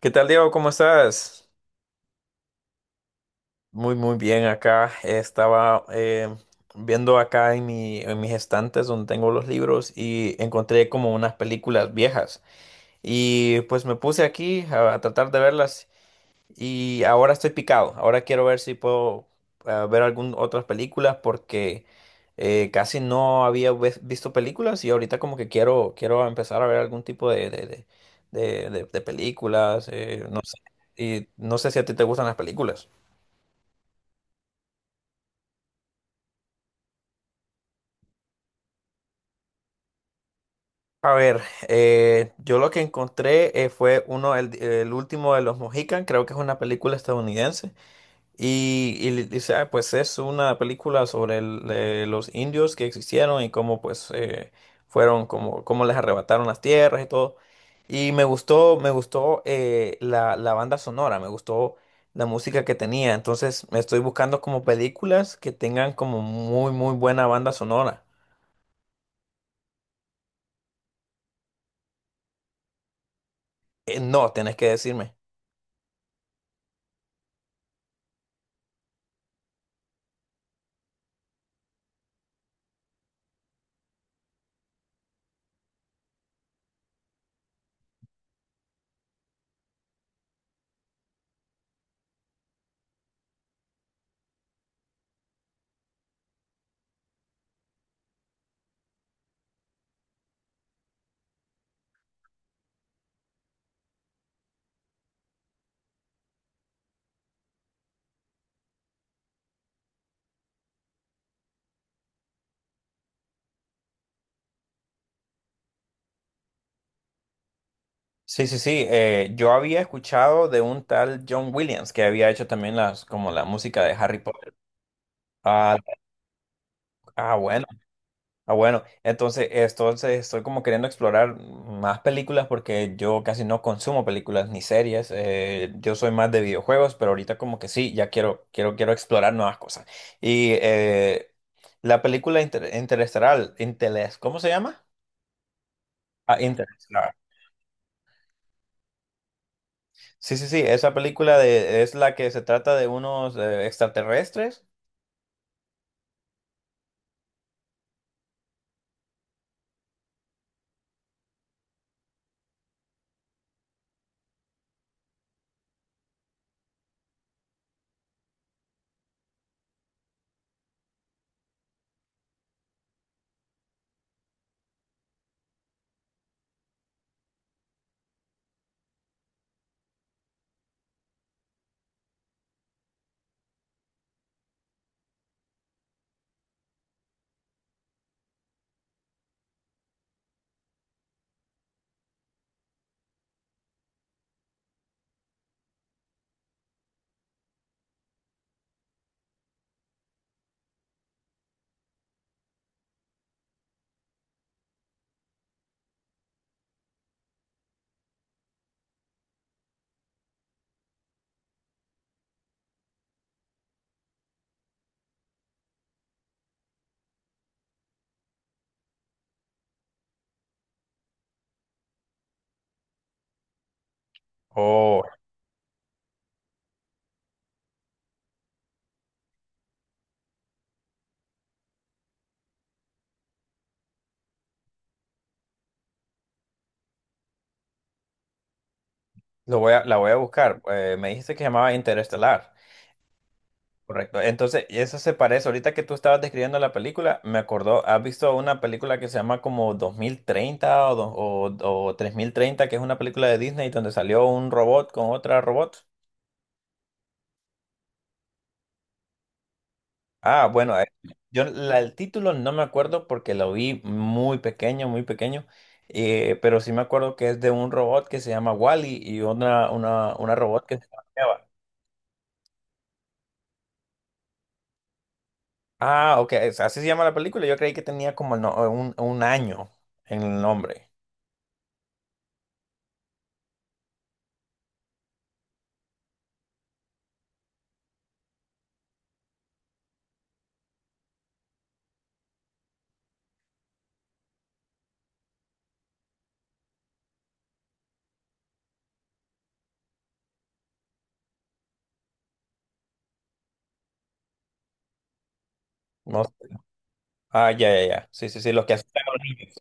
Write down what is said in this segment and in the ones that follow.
¿Qué tal, Diego? ¿Cómo estás? Muy, muy bien acá. Estaba viendo acá en en mis estantes donde tengo los libros y encontré como unas películas viejas. Y pues me puse aquí a tratar de verlas y ahora estoy picado. Ahora quiero ver si puedo ver algún otras películas porque casi no había visto películas y ahorita como que quiero empezar a ver algún tipo de películas. No sé. Y no sé si a ti te gustan las películas. A ver, yo lo que encontré fue uno el último de los Mohican. Creo que es una película estadounidense. Y le dice, "Ah, pues es una película sobre los indios que existieron y cómo pues fueron, como cómo les arrebataron las tierras y todo. Y me gustó la banda sonora, me gustó la música que tenía. Entonces me estoy buscando como películas que tengan como muy, muy buena banda sonora. No, tenés que decirme. Sí, sí, sí. Yo había escuchado de un tal John Williams que había hecho también como la música de Harry Potter. Ah, ah, bueno. Ah, bueno, entonces estoy como queriendo explorar más películas porque yo casi no consumo películas ni series. Yo soy más de videojuegos, pero ahorita como que sí, ya quiero explorar nuevas cosas. Y la película Interestelar, ¿cómo se llama? Ah, Interestelar. Sí, sí, sí, esa película es la que se trata de unos extraterrestres. Oh, la voy a buscar. Me dijiste que se llamaba Interestelar. Correcto. Entonces, y eso se parece. Ahorita que tú estabas describiendo la película, me acordó, ¿has visto una película que se llama como 2030 o 3030, que es una película de Disney donde salió un robot con otra robot? Ah, bueno, yo el título no me acuerdo porque lo vi muy pequeño, pero sí me acuerdo que es de un robot que se llama Wally y una robot que se llama Eva. Ah, ok, así se llama la película. Yo creí que tenía como el no- un año en el nombre. No sé. Ah, ya, ya, ya. Sí, sí, sí, los que asustan a los niños.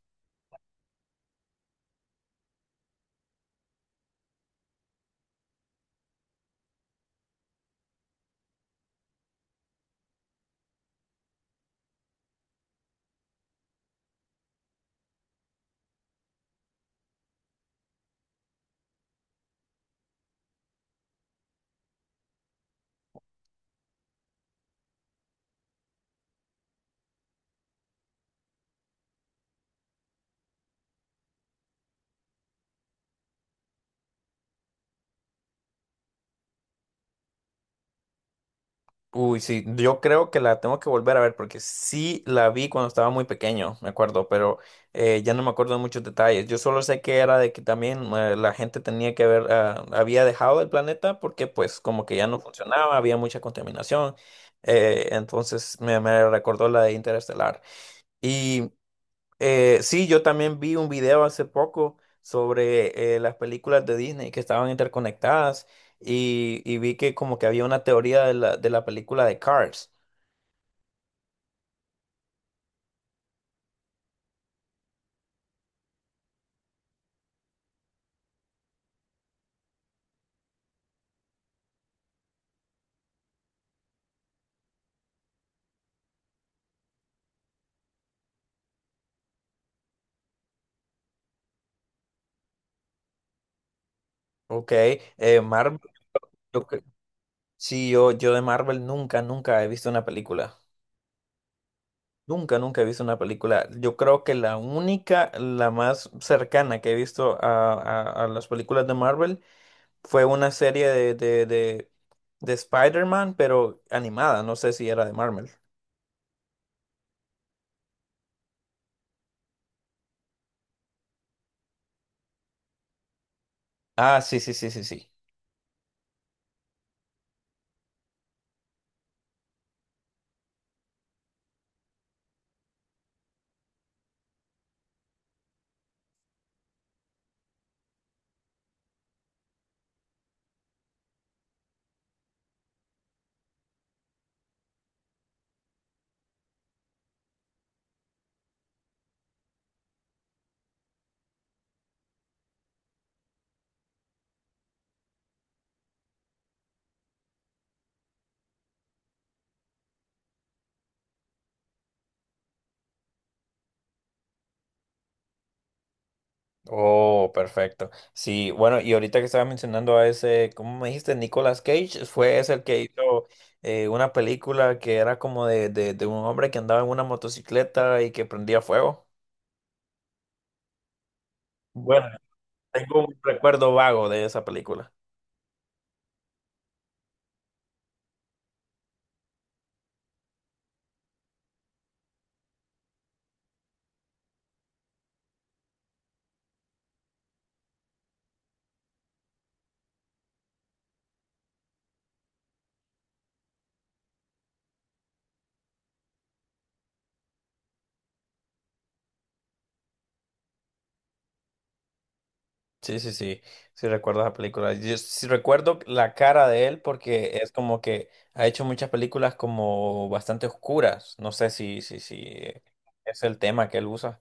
Uy, sí, yo creo que la tengo que volver a ver porque sí la vi cuando estaba muy pequeño, me acuerdo, pero ya no me acuerdo de muchos detalles. Yo solo sé que era de que también la gente tenía que ver, había dejado el planeta porque pues como que ya no funcionaba, había mucha contaminación. Entonces me recordó la de Interestelar. Y sí, yo también vi un video hace poco sobre las películas de Disney que estaban interconectadas y vi que como que había una teoría de la película de Cars, ¿ok? Marvel, yo cre- sí, yo de Marvel nunca, nunca he visto una película. Nunca, nunca he visto una película. Yo creo que la única, la más cercana que he visto a las películas de Marvel fue una serie de Spider-Man, pero animada, no sé si era de Marvel. Ah, sí, sí, sí, sí, sí. Oh, perfecto. Sí, bueno, y ahorita que estabas mencionando a ese, ¿cómo me dijiste? Nicolas Cage, fue ese el que hizo una película que era como de un hombre que andaba en una motocicleta y que prendía fuego. Bueno, tengo un recuerdo vago de esa película. Sí, sí, sí, sí recuerdo esa película. Yo sí recuerdo la cara de él porque es como que ha hecho muchas películas como bastante oscuras. No sé si es el tema que él usa.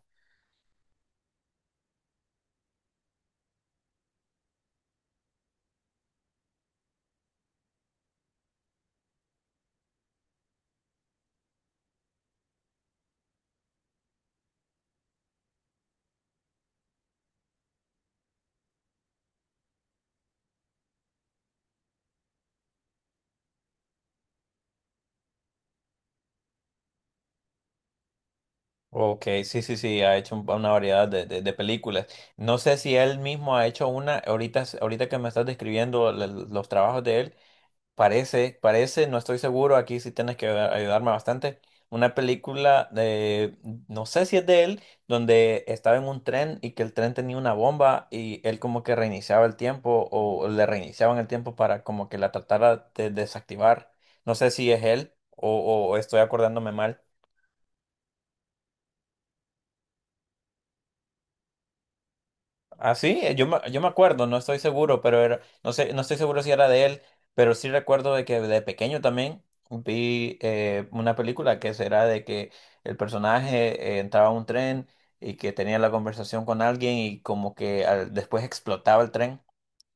Ok, sí, sí, sí, ha hecho una variedad de películas. No sé si él mismo ha hecho una, ahorita que me estás describiendo los trabajos de él, parece, parece, no estoy seguro, aquí sí tienes que ayudarme bastante, una película no sé si es de él, donde estaba en un tren y que el tren tenía una bomba y él como que reiniciaba el tiempo o le reiniciaban el tiempo para como que la tratara de desactivar. No sé si es él o estoy acordándome mal. Ah, sí, yo me acuerdo, no estoy seguro, pero era, no sé, no estoy seguro si era de él, pero sí recuerdo de que de pequeño también vi una película que será de que el personaje entraba a un tren y que tenía la conversación con alguien y como que después explotaba el tren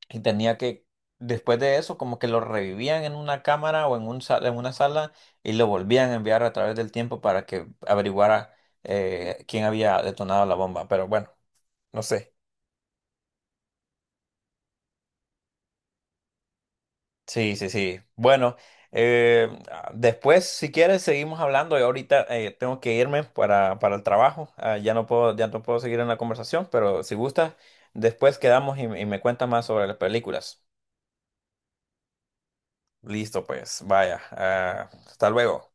y tenía que, después de eso, como que lo revivían en una cámara o en en una sala y lo volvían a enviar a través del tiempo para que averiguara quién había detonado la bomba, pero bueno, no sé. Sí, sí, sí. Bueno, después, si quieres, seguimos hablando. Yo ahorita tengo que irme para el trabajo. Ah, ya no puedo seguir en la conversación, pero si gustas, después quedamos y me cuentas más sobre las películas. Listo, pues, vaya. Ah, hasta luego.